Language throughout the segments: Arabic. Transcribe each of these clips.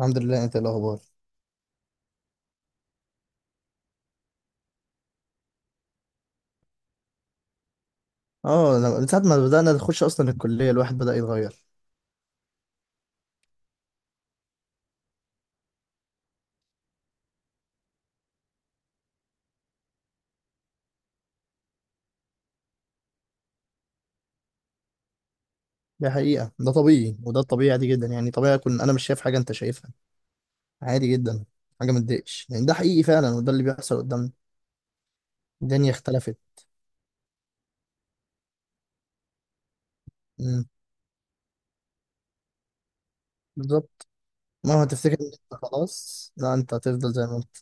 الحمد لله. انت ايه الاخبار؟ اه، من ساعه ما بدانا نخش اصلا الكليه الواحد بدا يتغير. دي حقيقه، ده طبيعي وده الطبيعي، عادي جدا يعني، طبيعي اكون انا مش شايف حاجه انت شايفها، عادي جدا. حاجه ما تضايقش، يعني ده حقيقي فعلا وده اللي بيحصل قدامنا. الدنيا اختلفت. امم. بالظبط. مهما تفتكر ان انت خلاص، لا، انت هتفضل زي ما انت.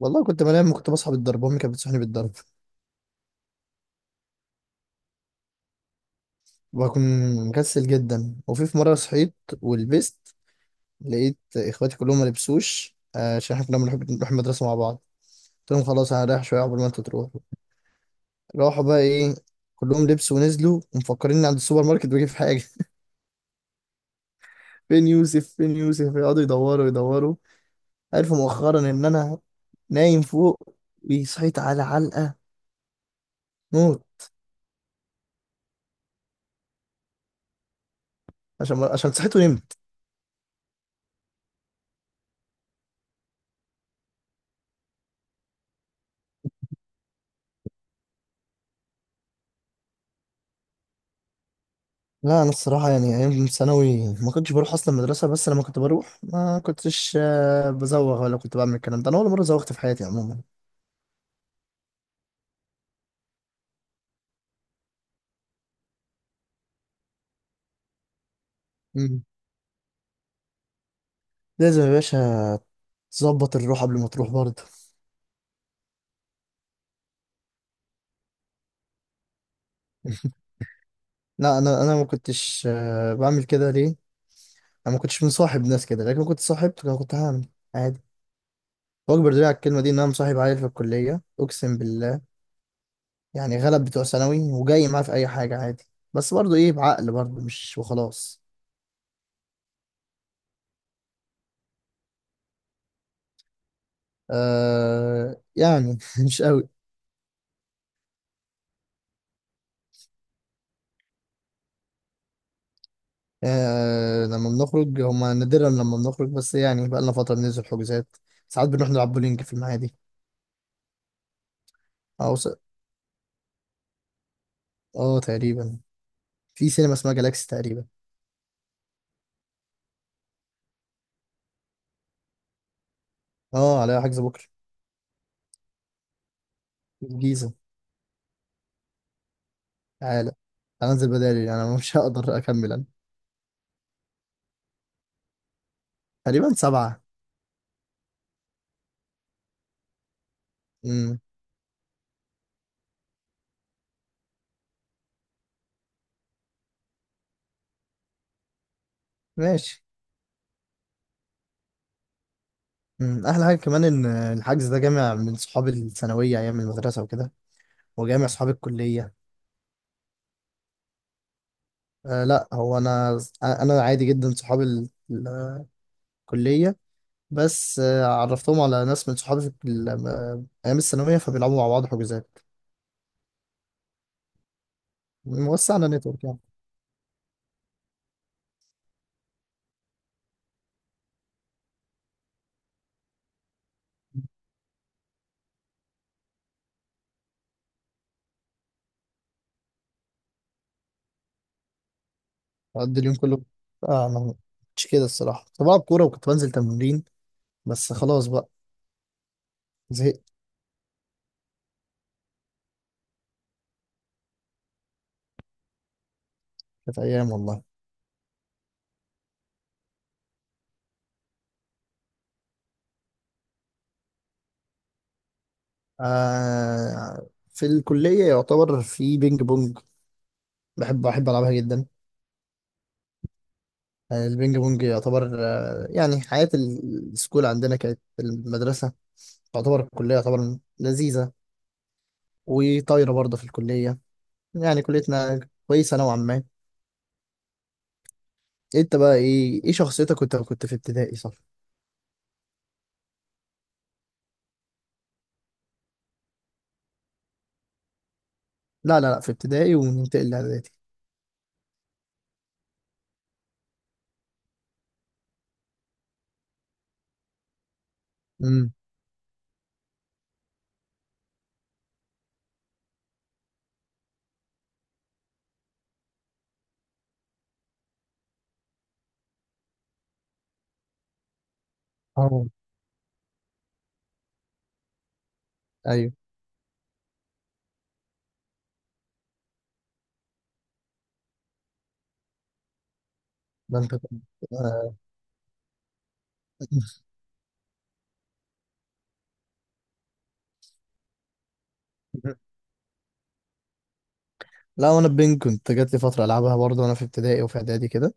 والله كنت بنام، كنت بصحى بالضرب، امي كانت بتصحيني بالضرب. بكون مكسل جدا، وفي في مره صحيت ولبست، لقيت اخواتي كلهم ما لبسوش، عشان احنا كنا بنحب نروح المدرسه مع بعض. قلت لهم خلاص انا رايح شويه قبل ما انتوا تروحوا. راحوا بقى ايه، كلهم لبسوا ونزلوا ومفكرين عند السوبر ماركت بجيب حاجه فين يوسف فين يوسف، يقعدوا يدوروا يدوروا. عرفوا مؤخرا ان انا نايم فوق، وصحيت على علقه موت. عشان صحيت ونمت. لا، انا الصراحه يعني ايام ثانوي ما كنتش بروح اصلا المدرسه، بس لما كنت بروح ما كنتش بزوغ ولا كنت بعمل الكلام ده. انا اول مره زوغت في حياتي عموما. مم. لازم يا باشا تظبط الروح قبل ما تروح برضه. لا، انا ما كنتش بعمل كده. ليه؟ انا ما كنتش مصاحب ناس كده، لكن لو كنت صاحبت كان كنت هعمل عادي. واكبر دليل على الكلمه دي ان انا مصاحب عيل في الكليه، اقسم بالله، يعني غلب بتوع ثانوي وجاي معاه في اي حاجه عادي، بس برضو ايه، بعقل برضو مش وخلاص. آه يعني مش قوي. آه لما بنخرج، هما نادرا لما بنخرج، بس يعني بقى لنا فتره بننزل حجوزات. ساعات بنروح نلعب بولينج في المعادي. او س- اه تقريبا، في سينما اسمها جالاكسي تقريبا. اه عليها حجز بكره. في الجيزه. تعالى، هنزل بدالي، انا مش هقدر اكمل انا. تقريبا 7. امم. ماشي. امم، احلى حاجة كمان ان الحجز ده جامع من صحابي الثانوية ايام المدرسة وكده، وجامع صحابي الكلية. أه لا، هو انا، عادي جدا صحابي الكلية، بس عرفتهم على ناس من صحابي في ايام الثانوية، فبيلعبوا مع بعض حجوزات. وسعنا نتورك يعني. بقضي اليوم كله. اه ما، مش كده الصراحة، كنت بلعب كورة وكنت بنزل تمرين، بس خلاص بقى، زهقت. كانت ايام والله. آه في الكلية يعتبر في بينج بونج، بحب ألعبها جدا. آه، البينج بونج يعتبر آه يعني حياة السكول عندنا كانت في المدرسة، تعتبر الكلية يعتبر لذيذة، وطايرة برضه في الكلية. يعني كليتنا كويسة نوعا ما. انت بقى ايه، ايه شخصيتك وانت كنت في ابتدائي، صح؟ لا لا لا، في ابتدائي وننتقل لإعدادي. امم. اه. ايوه. ده انت كنت- آه. لا، وانا بينج كنت جات لي فترة ألعبها برضه وانا في ابتدائي وفي إعدادي كده.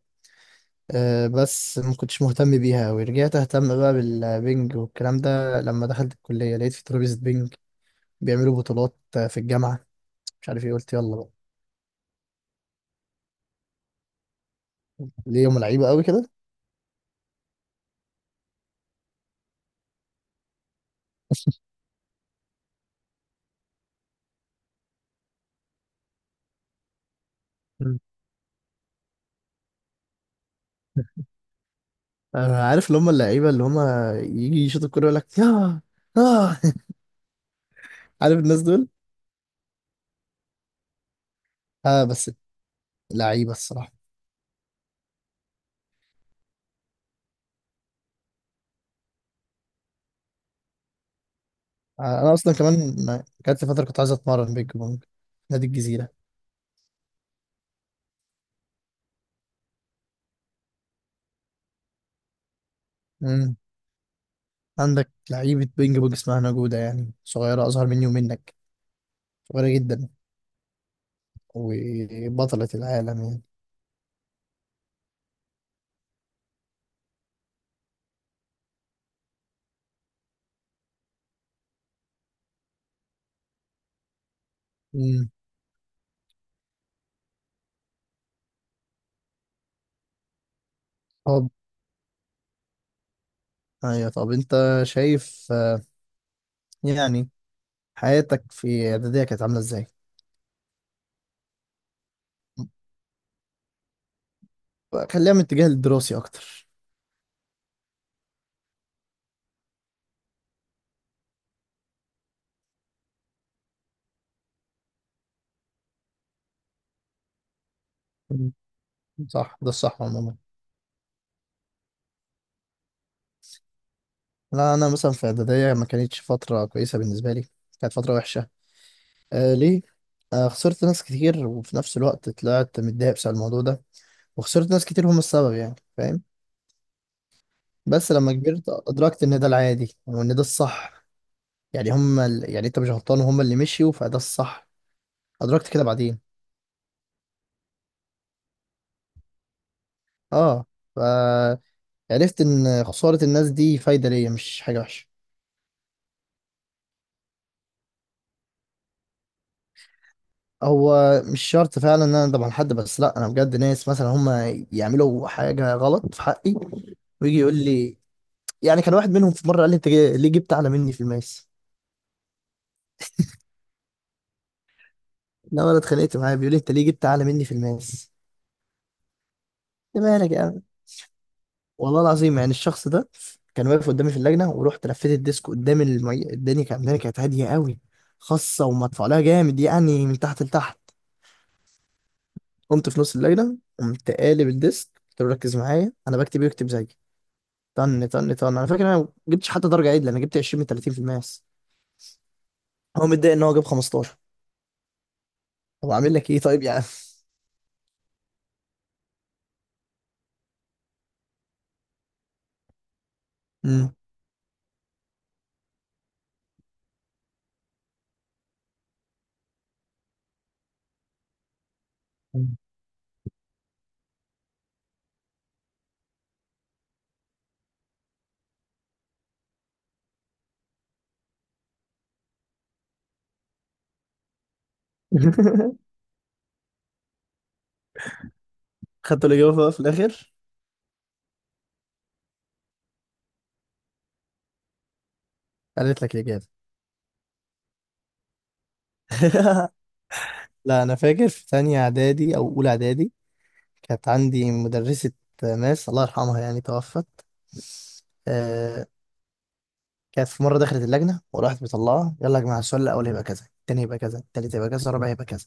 آه، بس ما كنتش مهتم بيها أوي. رجعت أهتم بقى بالبنج والكلام ده لما دخلت الكلية لقيت في ترابيزة بنج، بيعملوا بطولات آه، في الجامعة، مش عارف إيه، قلت يلا بقى. ليه هم لعيبة أوي كده؟ مم. أنا عارف اللي هم اللعيبة، اللي هم يجي يشوط الكورة يقول لك ياه. آه عارف الناس دول. آه بس، لعيبة الصراحة. آه أنا أصلا كمان جات لي فترة كنت عايز أتمرن بينج بونج. نادي الجزيرة. مم. عندك لعيبة بينج بونج اسمها نجودة، يعني صغيرة أصغر مني ومنك، صغيرة جدا، وبطلة العالم يعني. مم. طب، ايوه طب انت شايف آه، يعني حياتك في اعدادية كانت عاملة ازاي؟ خليها من الاتجاه الدراسي اكتر. مم. صح، ده الصح عموما. لا، انا مثلا في اعدادية ما كانتش فترة كويسة بالنسبة لي، كانت فترة وحشة. آه. ليه؟ آه خسرت ناس كتير، وفي نفس الوقت طلعت متضايق بسبب الموضوع ده، وخسرت ناس كتير هم السبب، يعني فاهم؟ بس لما كبرت ادركت ان ده العادي وان ده الصح، يعني هم ال... يعني انت مش غلطان وهم اللي مشيوا، فده الصح. أدركت كده بعدين. اه. فعرفت إن خسارة الناس دي فايدة ليا، مش حاجة وحشة. هو مش شرط فعلا إن أنا أندم على حد، بس لأ، أنا بجد ناس مثلا هما يعملوا حاجة غلط في حقي ويجي يقول لي. يعني كان واحد منهم في مرة قال لي أنت ليه جبت أعلى مني في الماس؟ لا أنا اتخانقت معاه، بيقول لي أنت ليه جبت أعلى مني في الماس؟ أنت مالك يا عم؟ والله العظيم، يعني الشخص ده كان واقف قدامي في اللجنة، ورحت لفيت الديسك قدام الدنيا. كانت هادية قوي، خاصة ومدفوع لها جامد يعني من تحت لتحت. قمت في نص الليلة، قمت قالب الديسك، قلت له ركز معايا أنا بكتب يكتب زيي. طن طن طن، أنا فاكر أنا ما جبتش حتى درجة عدلة، أنا جبت 20 من 30 في الماس، هو متضايق إن هو جاب 15. طب أعمل لك إيه طيب يا عم؟ مم. خدت الإجابة بقى في الآخر؟ قالت لك الإجابة. لا، أنا فاكر في تانية إعدادي أو أولى إعدادي كانت عندي مدرسة ماس، الله يرحمها يعني توفت. آه، كانت في مرة دخلت اللجنة وراحت مطلعة، يلا يا جماعة السؤال الأول هيبقى كذا، التاني هيبقى كذا، التالت هيبقى كذا، الرابع هيبقى كذا.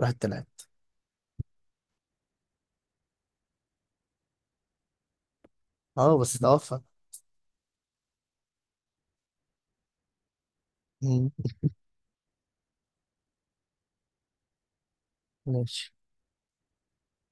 راحت طلعت. اه بس توفى. مم. ماشي.